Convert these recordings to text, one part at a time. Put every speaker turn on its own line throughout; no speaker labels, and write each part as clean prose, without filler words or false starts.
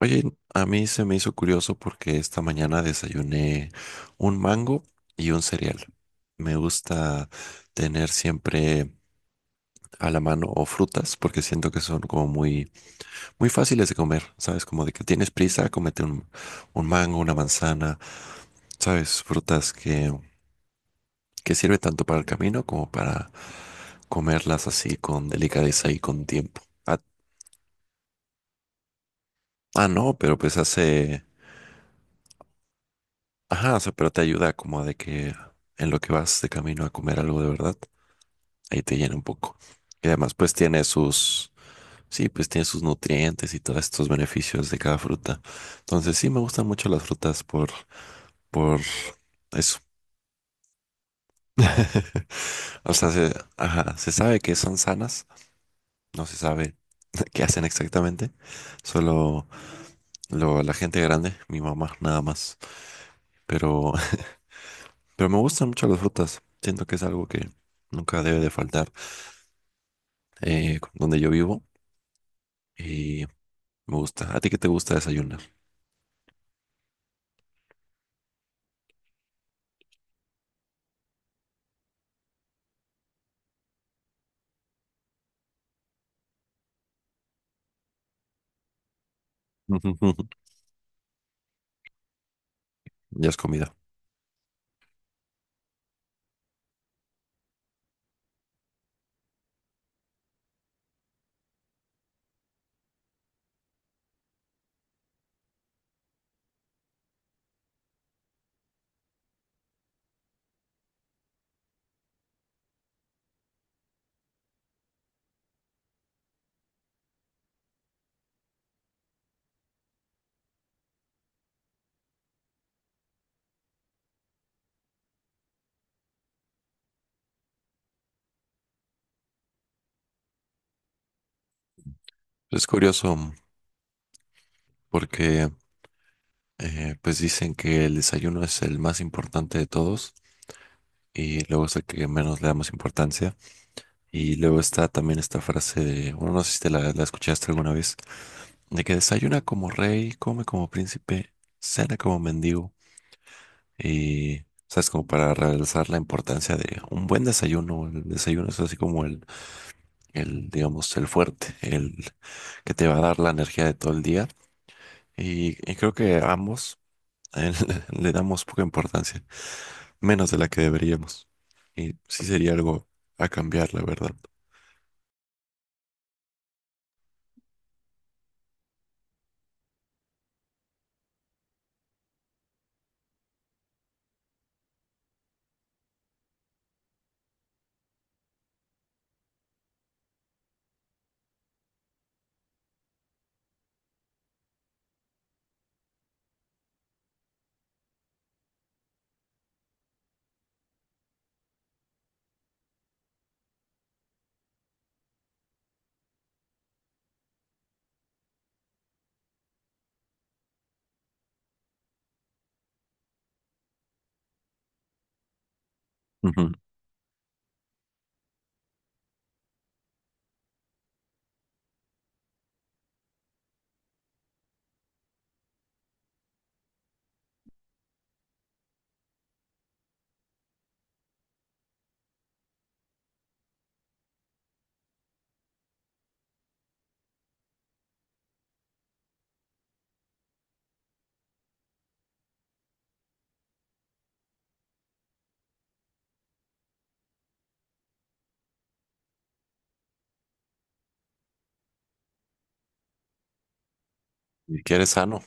Oye, a mí se me hizo curioso porque esta mañana desayuné un mango y un cereal. Me gusta tener siempre a la mano o frutas porque siento que son como muy fáciles de comer, ¿sabes? Como de que tienes prisa, cómete un mango, una manzana, ¿sabes? Frutas que sirven tanto para el camino como para comerlas así con delicadeza y con tiempo. Ah, no, pero pues hace... Ajá, o sea, pero te ayuda como de que en lo que vas de camino a comer algo de verdad, ahí te llena un poco. Y además, pues tiene sus, sí, pues tiene sus nutrientes y todos estos beneficios de cada fruta. Entonces, sí, me gustan mucho las frutas por eso. O sea, se, ajá, se sabe que son sanas, no se sabe qué hacen exactamente, solo lo, la gente grande, mi mamá, nada más. Pero, pero me gustan mucho las frutas, siento que es algo que nunca debe de faltar donde yo vivo. Y me gusta. ¿A ti qué te gusta desayunar? Ya es comida. Es curioso porque pues dicen que el desayuno es el más importante de todos y luego es el que menos le damos importancia. Y luego está también esta frase de, bueno, no sé si te la escuchaste alguna vez, de que desayuna como rey, come como príncipe, cena como mendigo. Y, ¿sabes? Como para realzar la importancia de un buen desayuno. El desayuno es así como el digamos, el fuerte, el que te va a dar la energía de todo el día. Y creo que ambos eh, le damos poca importancia, menos de la que deberíamos. Y sí sería algo a cambiar, la verdad. Ujú. Y que eres sano.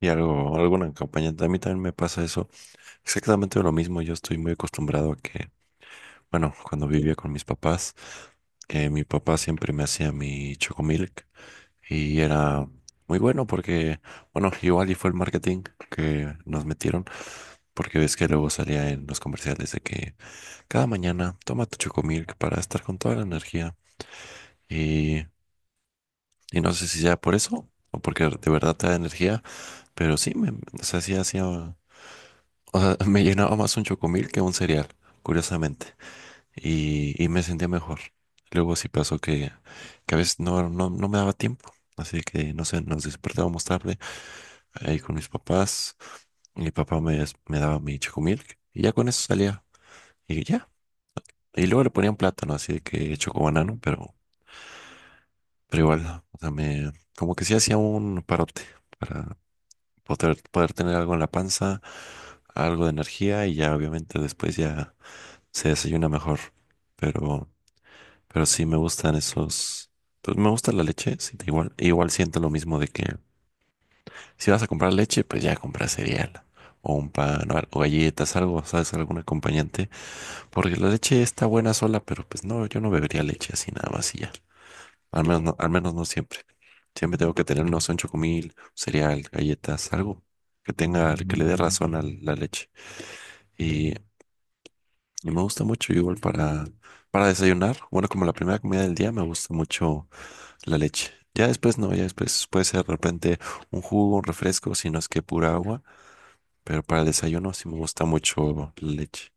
Y algo, algún acompañante. A mí también me pasa eso. Exactamente lo mismo. Yo estoy muy acostumbrado a que, bueno, cuando vivía con mis papás, que mi papá siempre me hacía mi chocomilk. Y era muy bueno porque, bueno, igual y fue el marketing que nos metieron. Porque ves que luego salía en los comerciales de que cada mañana toma tu Chocomilk para estar con toda la energía. Y, y no sé si sea por eso o porque de verdad te da energía, pero sí, me, o sea, sí hacía, o sea, me llenaba más un Chocomilk que un cereal, curiosamente. Y me sentía mejor. Luego sí pasó que a veces no me daba tiempo. Así que, no sé, nos despertábamos tarde ahí con mis papás. Mi papá me, des- me daba mi Chocomilk y ya con eso salía. Y ya. Y luego le ponían plátano, así de que chocobanano, pero igual, o sea, me, como que sí hacía un parote para poder tener algo en la panza, algo de energía y ya obviamente después ya se desayuna mejor. Pero, pero sí me gustan esos, pues me gusta la leche, sí, da igual, igual siento lo mismo de que si vas a comprar leche, pues ya compras cereal o un pan o, al- o galletas, algo, ¿sabes? Algún acompañante. Porque la leche está buena sola, pero pues no, yo no bebería leche así nada más y ya. Al menos no siempre. Siempre tengo que tener unos 8 mil, cereal, galletas, algo que tenga, que le dé razón a la leche. Y, y me gusta mucho igual para desayunar. Bueno, como la primera comida del día me gusta mucho la leche. Ya después no, ya después puede ser de repente un jugo, un refresco, si no es que pura agua. Pero para el desayuno sí me gusta mucho la leche.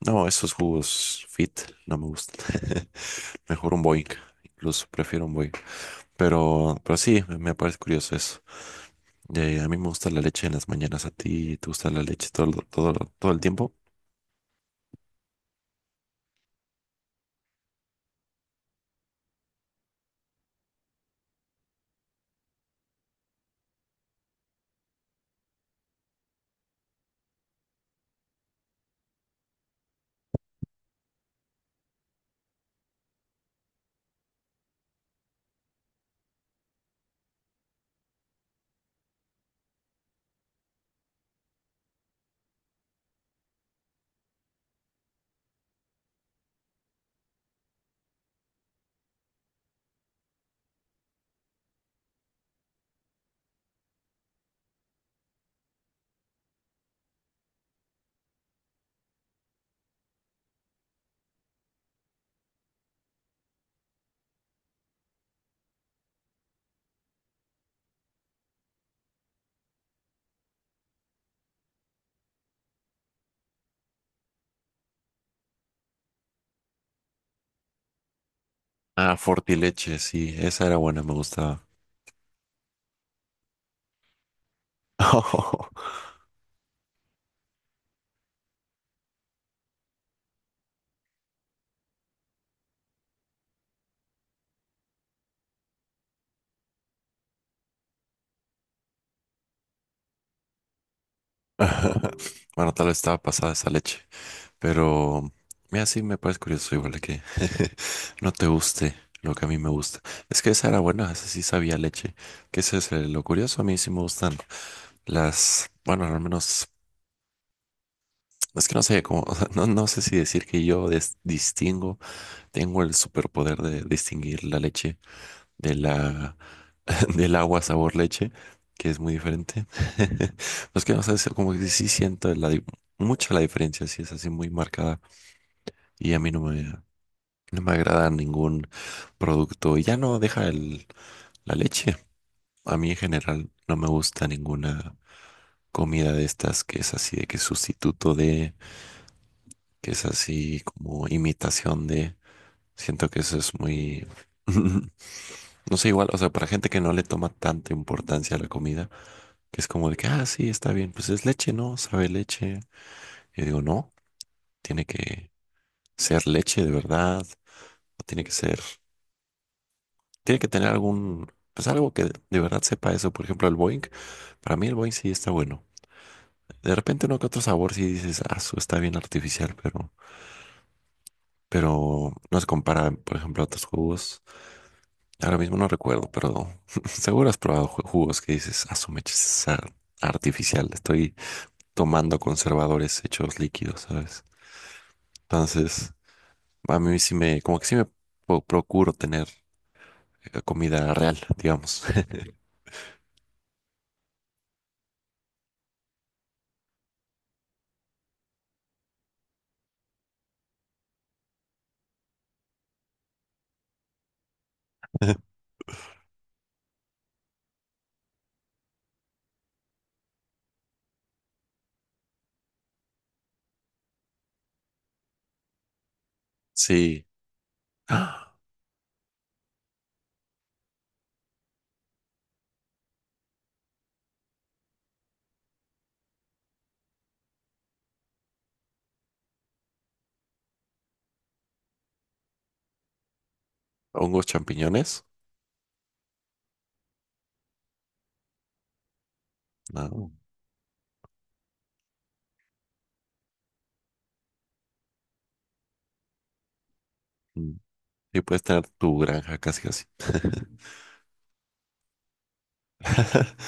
No, esos jugos fit no me gustan. Mejor un Boing. Incluso prefiero un Boing. Pero sí, me parece curioso eso. A mí me gusta la leche en las mañanas, a ti te gusta la leche todo, el- todo, todo el tiempo. Ah, Fortileche, sí, esa era buena, me gustaba. Bueno, tal vez estaba pasada esa leche, pero mira, sí me parece curioso igual de que no te guste lo que a mí me gusta. Es que esa era buena, esa sí sabía leche. Qué es lo curioso, a mí sí me gustan las, bueno, al menos, es que no sé cómo, o sea, no, no sé si decir que yo des- distingo, tengo el superpoder de distinguir la leche de la, del agua sabor leche, que es muy diferente. Pues que no sé, es como que sí siento la, di- mucha la diferencia, sí es así muy marcada y a mí no me agrada ningún producto. Y ya no deja el, la leche. A mí en general no me gusta ninguna comida de estas que es así de que sustituto de, que es así como imitación de. Siento que eso es muy... No sé, igual, o sea, para gente que no le toma tanta importancia a la comida, que es como de que, ah, sí, está bien, pues es leche, ¿no? Sabe a leche. Y digo, no, tiene que ser leche de verdad, o tiene que ser, tiene que tener algún, pues algo que de verdad sepa eso. Por ejemplo, el Boeing, para mí el Boeing sí está bueno. De repente uno que otro sabor sí dices, ah, su está bien artificial, pero no se compara, por ejemplo, a otros jugos. Ahora mismo no recuerdo, pero seguro has probado ju- jugos que dices, ah, su mecha es ar- artificial, estoy tomando conservadores hechos líquidos, ¿sabes? Entonces, a mí sí me, como que sí me po- procuro tener comida real, digamos. Sí. ¡Ah! ¿Hongos champiñones? No. Mm. Sí, puedes tener tu granja casi casi.